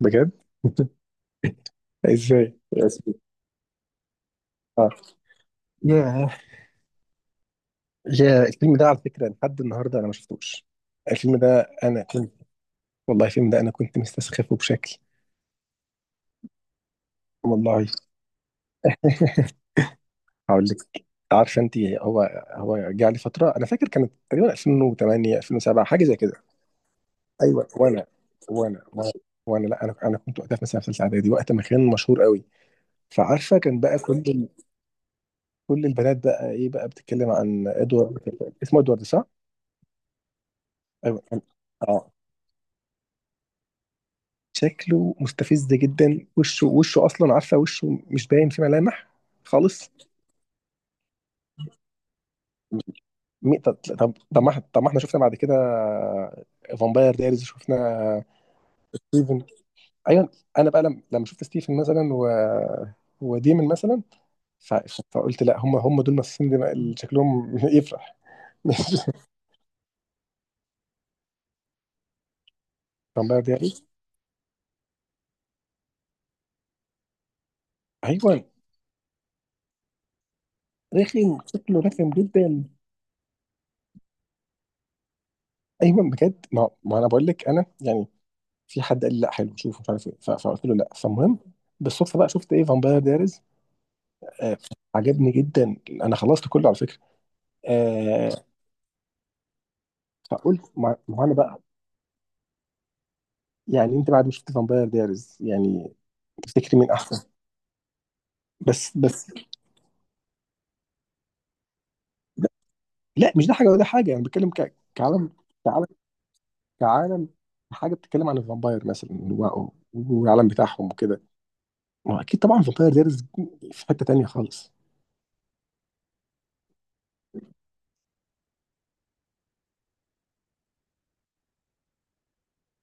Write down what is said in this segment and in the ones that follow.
بجد. ازاي اسمه؟ اه، ياه، يا الفيلم ده على فكره لحد النهارده انا ما شفتوش. الفيلم ده انا كنت، والله الفيلم ده انا كنت مستسخفه بشكل والله. هقول لك. عارفه انت هو، هو جه علي فتره انا فاكر كانت تقريبا 2008 2007 حاجه زي كده. ايوه، وانا وانا وانا لا انا كنت وقتها في مثلا في ثالثه اعدادي وقت ما كان مشهور قوي. فعارفه كان بقى كل البنات بقى ايه بقى بتتكلم عن ادوارد، اسمه ادوارد صح؟ ايوه اه شكله مستفز جدا، وشه اصلا عارفه وشه مش باين فيه ملامح خالص. طب ما طب ما احنا شفنا بعد كده فامباير دايريز شفنا ستيفن. ايوه انا بقى لما شفت ستيفن مثلا و، وديمن مثلا. فقلت لا، هم دول الممثلين اللي شكلهم يفرح. فامباير دايريز. ايوه رخم، شكله رخم جدا. ايوه بجد، ما, ما انا بقول لك انا يعني في حد قال لي لا حلو شوفه مش عارف ايه، فقلت له لا. فالمهم بالصدفه بقى شفت ايه فامباير دايرز. آه عجبني جدا، انا خلصت كله على فكره. آه فقلت ما ما انا بقى. يعني انت بعد ما شفت فامباير دايرز يعني تفتكر مين احسن؟ بس لا مش ده حاجه ولا حاجه، انا بتكلم كعالم. كعالم. كعالم، حاجه بتتكلم عن الفامباير مثلا والعالم بتاعهم وكده. ما هو اكيد طبعا فامباير دايرز في حته تانيه خالص.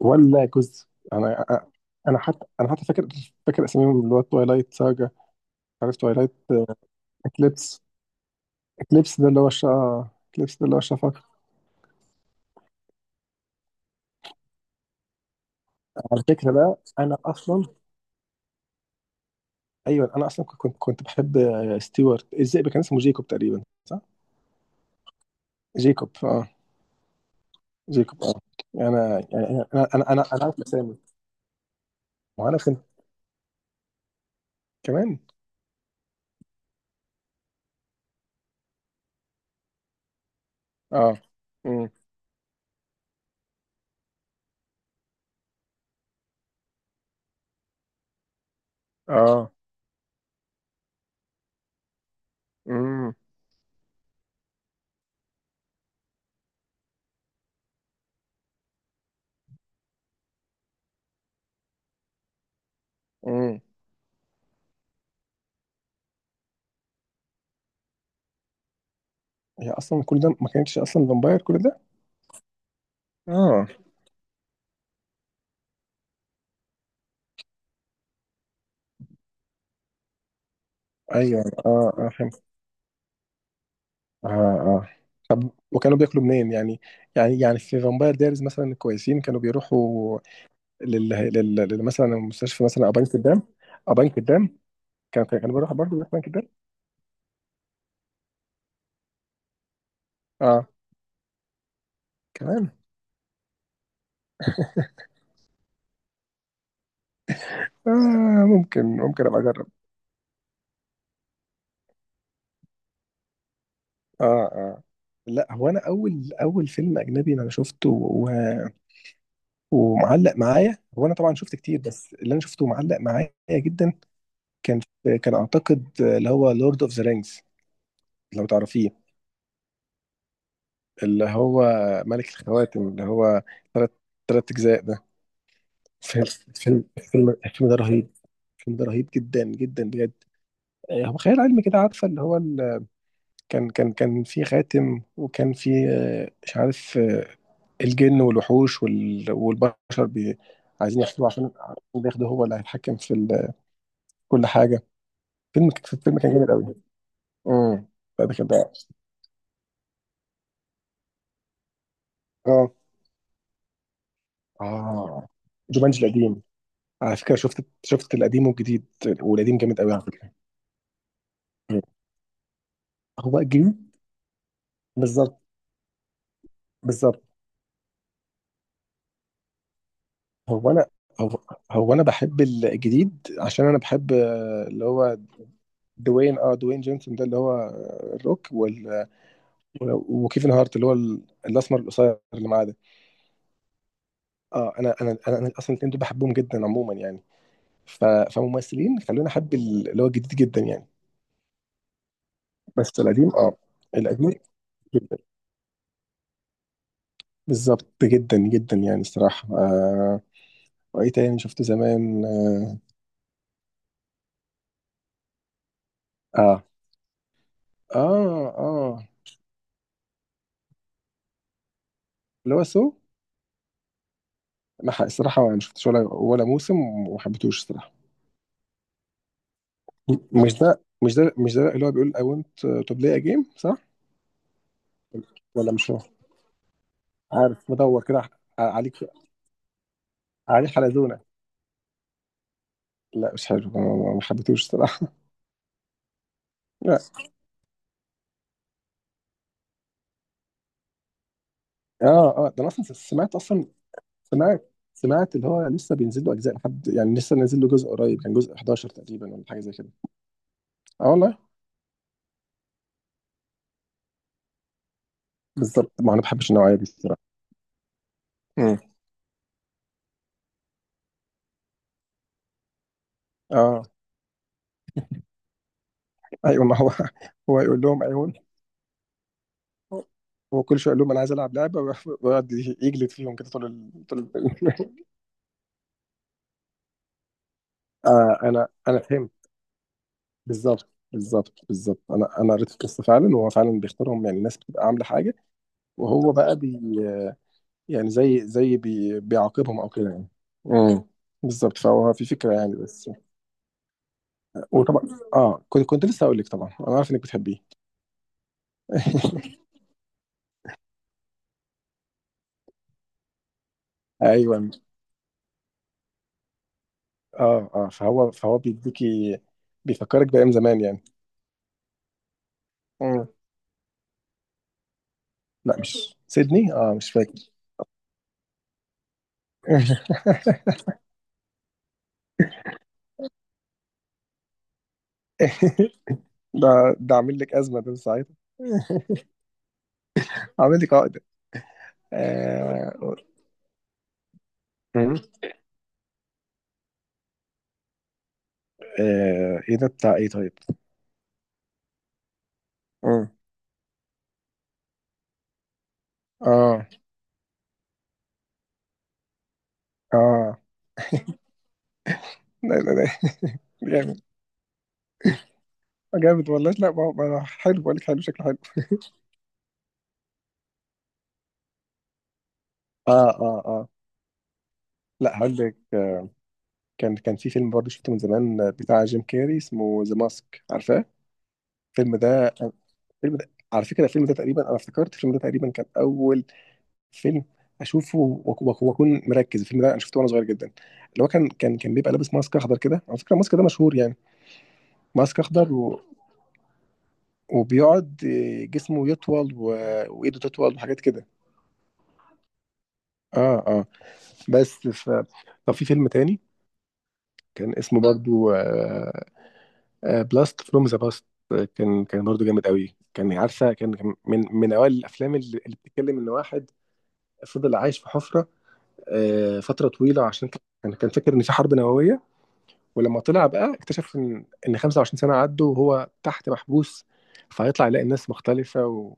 ولا جزء. انا انا حتى، فاكر، فاكر اساميهم اللي هو تويلايت ساجا. عارف تويلايت؟ اكليبس. اكليبس ده اللي هو الشا اكليبس ده اللي هو الشفق. على فكره بقى انا اصلا، ايوه انا اصلا كنت بحب ستيوارت. الذئب كان اسمه جيكوب تقريبا صح؟ جيكوب اه. جيكوب اه. انا يعني يعني، انا عارف اسامي. وانا كنت كمان. اه. امم. اه. امم. امم. هي اصلا كل ده ما كانتش اصلا فامباير كل ده. اه ايوه اه اه آه آه. وكانوا بياكلوا منين يعني؟ يعني في فامباير دايريز مثلا الكويسين كانوا بيروحوا مثلا المستشفى، مثلا او بنك الدم. او بنك الدم. كانوا بيروحوا برضه، بيروحوا بنك الدم. اه كمان. آه ممكن، ابقى اجرب. اه اه. لا هو انا اول فيلم اجنبي انا شفته و، ومعلق معايا هو انا طبعا شفت كتير بس اللي انا شفته معلق معايا جدا. كان اعتقد اللي هو لورد اوف ذا رينجز، لو تعرفيه. اللي هو ملك الخواتم، اللي هو ثلاث، ثلاث اجزاء ده فيلم. الفيلم ده رهيب. الفيلم ده رهيب جدا جدا بجد. آه، هو خيال علمي كده عارفه اللي هو ال... كان في خاتم، وكان في آه، مش عارف آه، الجن والوحوش والبشر عايزين يحكموا عشان بياخده هو اللي هيتحكم في ال... كل حاجه. الفيلم كان جامد قوي. امم. ده كان ده اه اه جومانجي القديم. على فكره شفت القديم والجديد، والقديم جامد قوي على فكره. مم. هو الجديد بالظبط. بالظبط. هو انا هو, هو انا بحب الجديد عشان انا بحب آه، اللي هو دوين. اه دوين جونسون ده اللي هو آه، الروك. وكيفن هارت اللي هو الاسمر القصير اللي معاه ده. اه انا اصلا الاثنين دول بحبهم جدا عموما يعني. فممثلين خلوني احب اللي هو الجديد جدا يعني. بس القديم اه، القديم جدا. بالظبط جدا جدا يعني الصراحه آه. وايه تاني شفته زمان؟ اه اه اه آه. اللي هو سو. ما ح- الصراحه ما شفتش ولا موسم وما حبيتهوش الصراحه. مش ده اللي هو بيقول I want to play a game صح؟ ولا مش هو؟ عارف مدور كده عليك. عليه حلزونه. لا مش حلو، ما حبيتهوش الصراحه. لا اه اه ده انا اصلا سمعت اصلا، سمعت اللي هو لسه بينزل له اجزاء لحد يعني لسه نازل له جزء قريب، كان جزء 11 تقريبا ولا حاجه زي كده. اه والله. بالظبط، ما انا ما بحبش النوعيه دي الصراحه. امم. اه. ايوه ما هو هو يقول لهم ايوه. هو كل شويه يقول لهم انا عايز العب لعبه، ويقعد يجلد فيهم كده طول ال... طول ال... آه انا فهمت. بالظبط بالظبط بالظبط، انا قريت القصه فعلا، وهو فعلا بيختارهم يعني الناس بتبقى عامله حاجه. وهو بقى بي يعني زي، زي بيعاقبهم او كده يعني. امم بالظبط. فهو في فكره يعني بس. وطبعا اه كنت لسه هقول لك طبعا انا عارف انك بتحبيه. ايوه اه اه فهو بيديكي، بيفكرك بايام زمان يعني. لا مش سيدني، اه مش فاكر. ده ده عامل لك ازمه ده ساعتها. عامل لي قاعده آه... م- آه... ايه ده بتاع ايه طيب؟ م- اه اه. لا لا لا جامد، جامد والله. لا ما هو حلو بقول لك، حلو شكله حلو. اه اه اه. لا هقول لك آه، كان في فيلم برضه شفته من زمان آه، بتاع جيم كاري اسمه ذا ماسك، عارفاه؟ الفيلم ده، الفيلم ده على فكره الفيلم ده تقريبا انا افتكرت الفيلم ده تقريبا كان اول فيلم اشوفه، واكون مركز. الفيلم ده انا شفته وانا صغير جدا. اللي هو كان بيبقى لابس ماسك اخضر كده، على فكره الماسك ده مشهور يعني. ماسك اخضر و، وبيقعد آه، جسمه يطول و، وايده تطول وحاجات كده. اه اه بس طب في فيلم تاني كان اسمه برضو بلاست فروم ذا باست. كان برضو جامد قوي كان. عارفه كان من اوائل الافلام اللي بتتكلم ان واحد فضل عايش في حفره آه، فتره طويله عشان كان فاكر ان في حرب نوويه. ولما طلع بقى اكتشف ان 25 سنه عدوا وهو تحت محبوس، فهيطلع يلاقي الناس مختلفه و،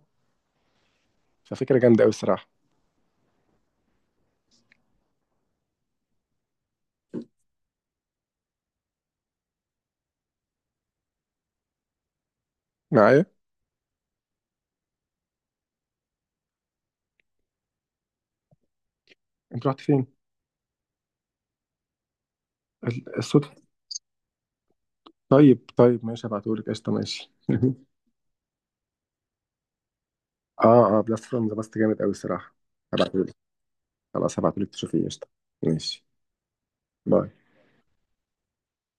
ففكره جامده قوي الصراحه. معايا؟ انت رحت فين؟ الصوت. طيب ماشي هبعتهولك قشطه ماشي. اه اه بلاست فروم ذا باست جامد قوي الصراحه. هبعتهولك، خلاص هبعتهولك تشوفيه قشطه. ماشي. باي.